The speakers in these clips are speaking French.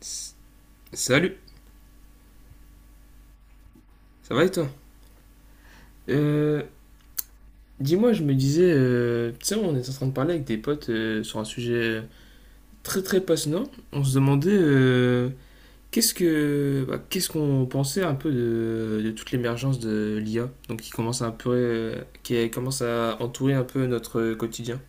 S- Salut, ça va et toi? Euh, Dis-moi, je me disais, tu sais, on est en train de parler avec des potes sur un sujet très très passionnant. On se demandait qu'est-ce que, qu'est-ce qu'on pensait un peu de toute l'émergence de l'IA, donc qui commence à un peu, qui commence à entourer un peu notre quotidien.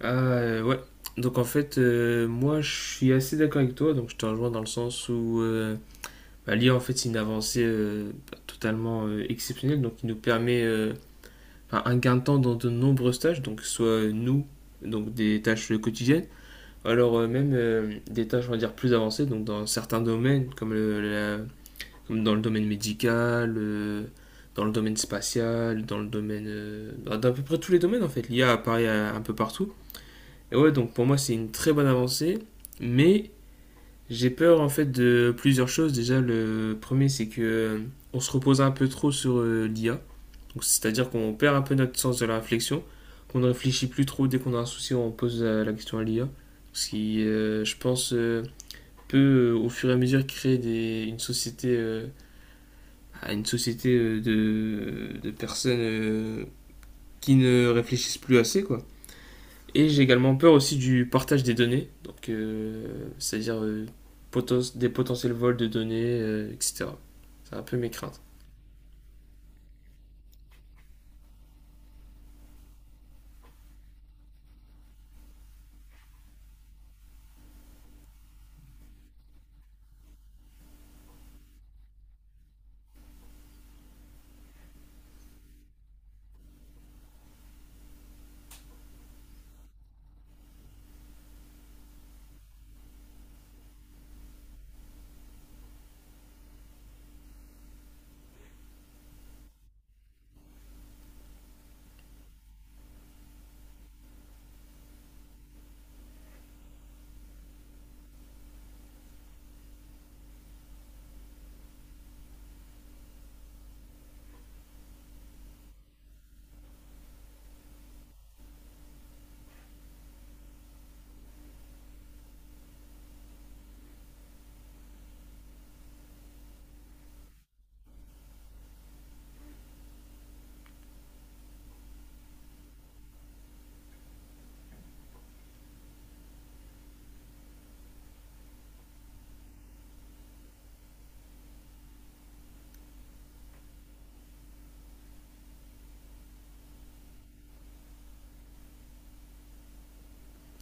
Ouais. Donc en fait, moi, je suis assez d'accord avec toi. Donc je te rejoins dans le sens où L'IA, en fait, c'est une avancée totalement exceptionnelle, donc qui nous permet enfin, un gain de temps dans de nombreuses tâches, donc soit nous, donc des tâches quotidiennes, ou alors même des tâches, on va dire, plus avancées, donc dans certains domaines, comme dans le domaine médical, dans le domaine spatial, dans à peu près tous les domaines, en fait, l'IA apparaît un peu partout. Et ouais, donc pour moi, c'est une très bonne avancée, mais j'ai peur en fait de plusieurs choses. Déjà, le premier, c'est que on se repose un peu trop sur l'IA. Donc, c'est-à-dire qu'on perd un peu notre sens de la réflexion, qu'on ne réfléchit plus trop dès qu'on a un souci, on pose la question à l'IA. Ce qui, je pense, peut au fur et à mesure créer une société, de personnes qui ne réfléchissent plus assez, quoi. Et j'ai également peur aussi du partage des données, donc c'est-à-dire des potentiels vols de données, etc. C'est un peu mes craintes.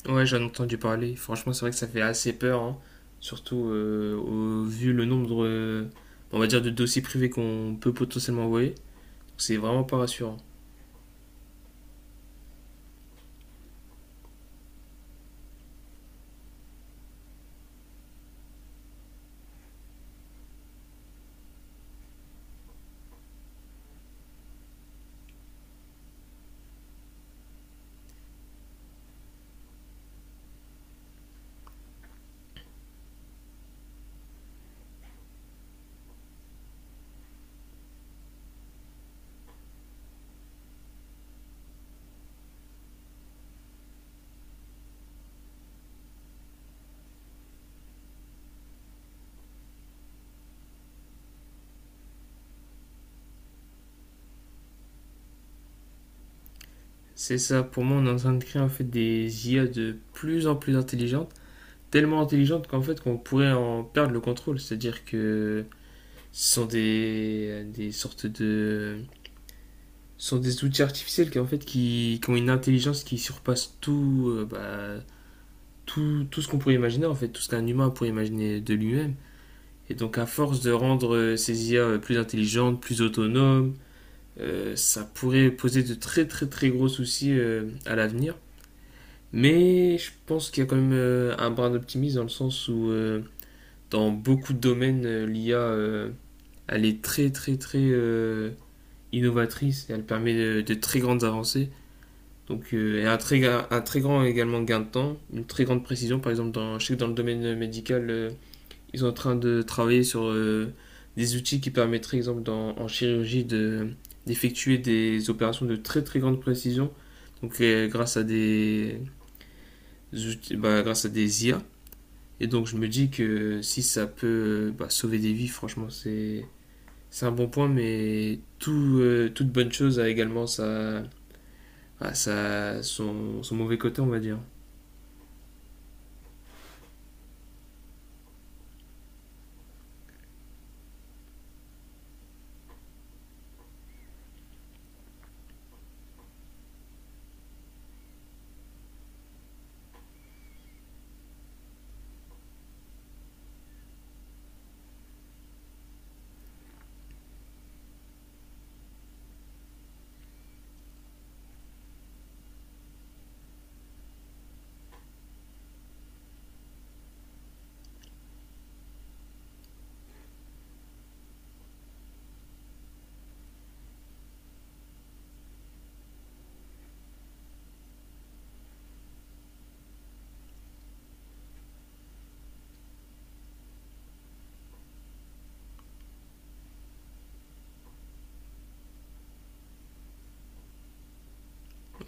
Ouais, j'en ai entendu parler. Franchement, c'est vrai que ça fait assez peur, hein. Surtout vu le nombre, on va dire, de dossiers privés qu'on peut potentiellement envoyer. Donc, c'est vraiment pas rassurant. C'est ça, pour moi, on est en train de créer en fait des IA de plus en plus intelligentes, tellement intelligentes qu'en fait qu'on pourrait en perdre le contrôle. C'est-à-dire que ce sont des sortes de ce sont des outils artificiels qui ont une intelligence qui surpasse tout tout, tout ce qu'on pourrait imaginer en fait tout ce qu'un humain pourrait imaginer de lui-même et donc à force de rendre ces IA plus intelligentes plus autonomes ça pourrait poser de très très très gros soucis à l'avenir, mais je pense qu'il y a quand même un brin d'optimisme dans le sens où dans beaucoup de domaines l'IA elle est très très très innovatrice et elle permet de très grandes avancées. Donc, et un très grand également gain de temps, une très grande précision. Par exemple, je sais que dans le domaine médical, ils sont en train de travailler sur des outils qui permettraient, exemple, en chirurgie, d'effectuer des opérations de très très grande précision. Donc, grâce à des outils, grâce à des IA. Et donc, je me dis que si ça peut sauver des vies, franchement, c'est un bon point. Mais toute bonne chose a également sa, son, son mauvais côté, on va dire.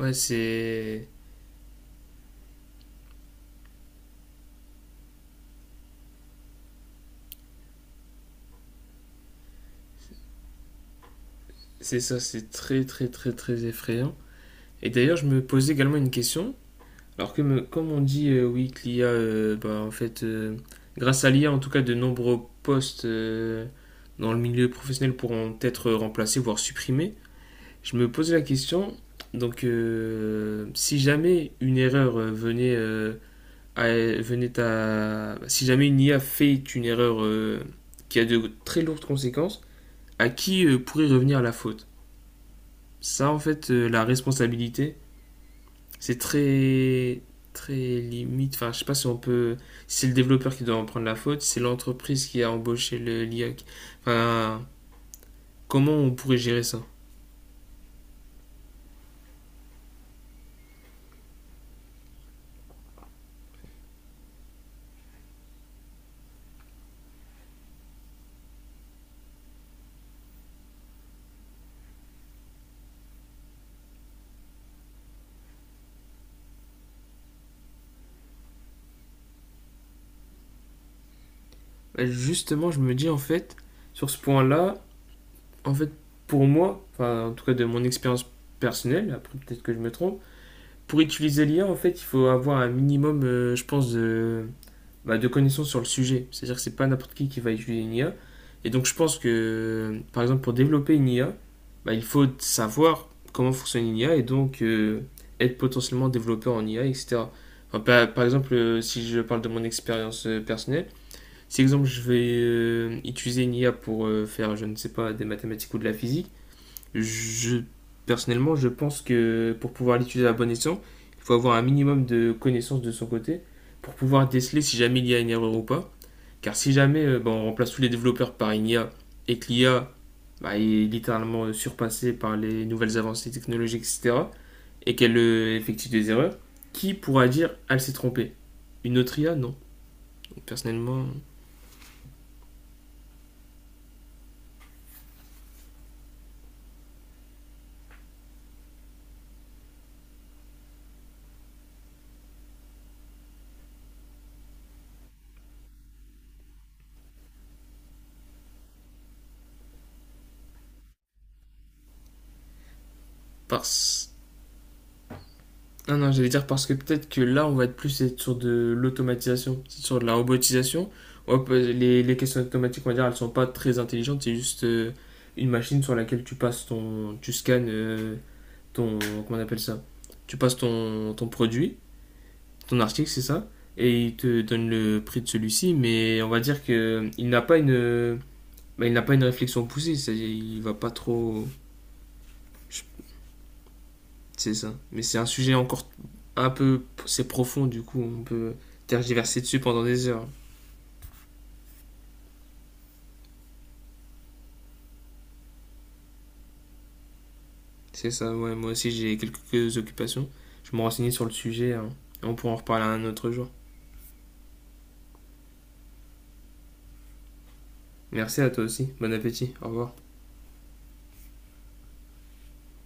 Ouais, c'est ça, c'est très très très très effrayant. Et d'ailleurs, je me posais également une question. Comme on dit, oui, que l'IA, grâce à l'IA, en tout cas, de nombreux postes dans le milieu professionnel pourront être remplacés, voire supprimés. Je me posais la question, donc si jamais une erreur si jamais une IA fait une erreur qui a de très lourdes conséquences, à qui pourrait revenir la faute? Ça, en fait, la responsabilité, c'est très limite. Enfin, je sais pas si on peut. Si c'est le développeur qui doit en prendre la faute, si c'est l'entreprise qui a embauché l'IA. Enfin, comment on pourrait gérer ça? Justement, je me dis, en fait, sur ce point-là, en fait, pour moi, enfin, en tout cas de mon expérience personnelle, après peut-être que je me trompe, pour utiliser l'IA, en fait, il faut avoir un minimum, je pense, de connaissances sur le sujet. C'est-à-dire que c'est pas n'importe qui va utiliser une IA. Et donc, je pense que, par exemple, pour développer une IA, il faut savoir comment fonctionne une IA et donc être potentiellement développeur en IA, etc. Enfin, par exemple, si je parle de mon expérience personnelle, si exemple je vais utiliser une IA pour faire, je ne sais pas, des mathématiques ou de la physique, je, personnellement, je pense que pour pouvoir l'utiliser à bon escient, il faut avoir un minimum de connaissances de son côté pour pouvoir déceler si jamais il y a une erreur ou pas. Car si jamais on remplace tous les développeurs par une IA et que l'I a, est littéralement surpassée par les nouvelles avancées technologiques, etc., et qu'elle effectue des erreurs, qui pourra dire elle s'est trompée? Une autre IA? Non. Donc, personnellement, parce non, non, j'allais dire parce que peut-être que là, on va être sur de l'automatisation, sur de la robotisation. On va pas- Les questions automatiques, on va dire, elles sont pas très intelligentes. C'est juste une machine sur laquelle tu passes ton. Tu scannes ton. Comment on appelle ça? Tu passes ton produit, ton article, c'est ça. Et il te donne le prix de celui-ci. Mais on va dire que il n'a pas une. Il n'a pas une réflexion poussée. C'est-à-dire, il va pas trop. C'est ça. Mais c'est un sujet encore un peu. C'est profond, du coup, on peut tergiverser dessus pendant des heures. C'est ça, ouais. Moi aussi, j'ai quelques occupations. Je me renseignais sur le sujet. Hein. On pourra en reparler un autre jour. Merci à toi aussi. Bon appétit. Au revoir.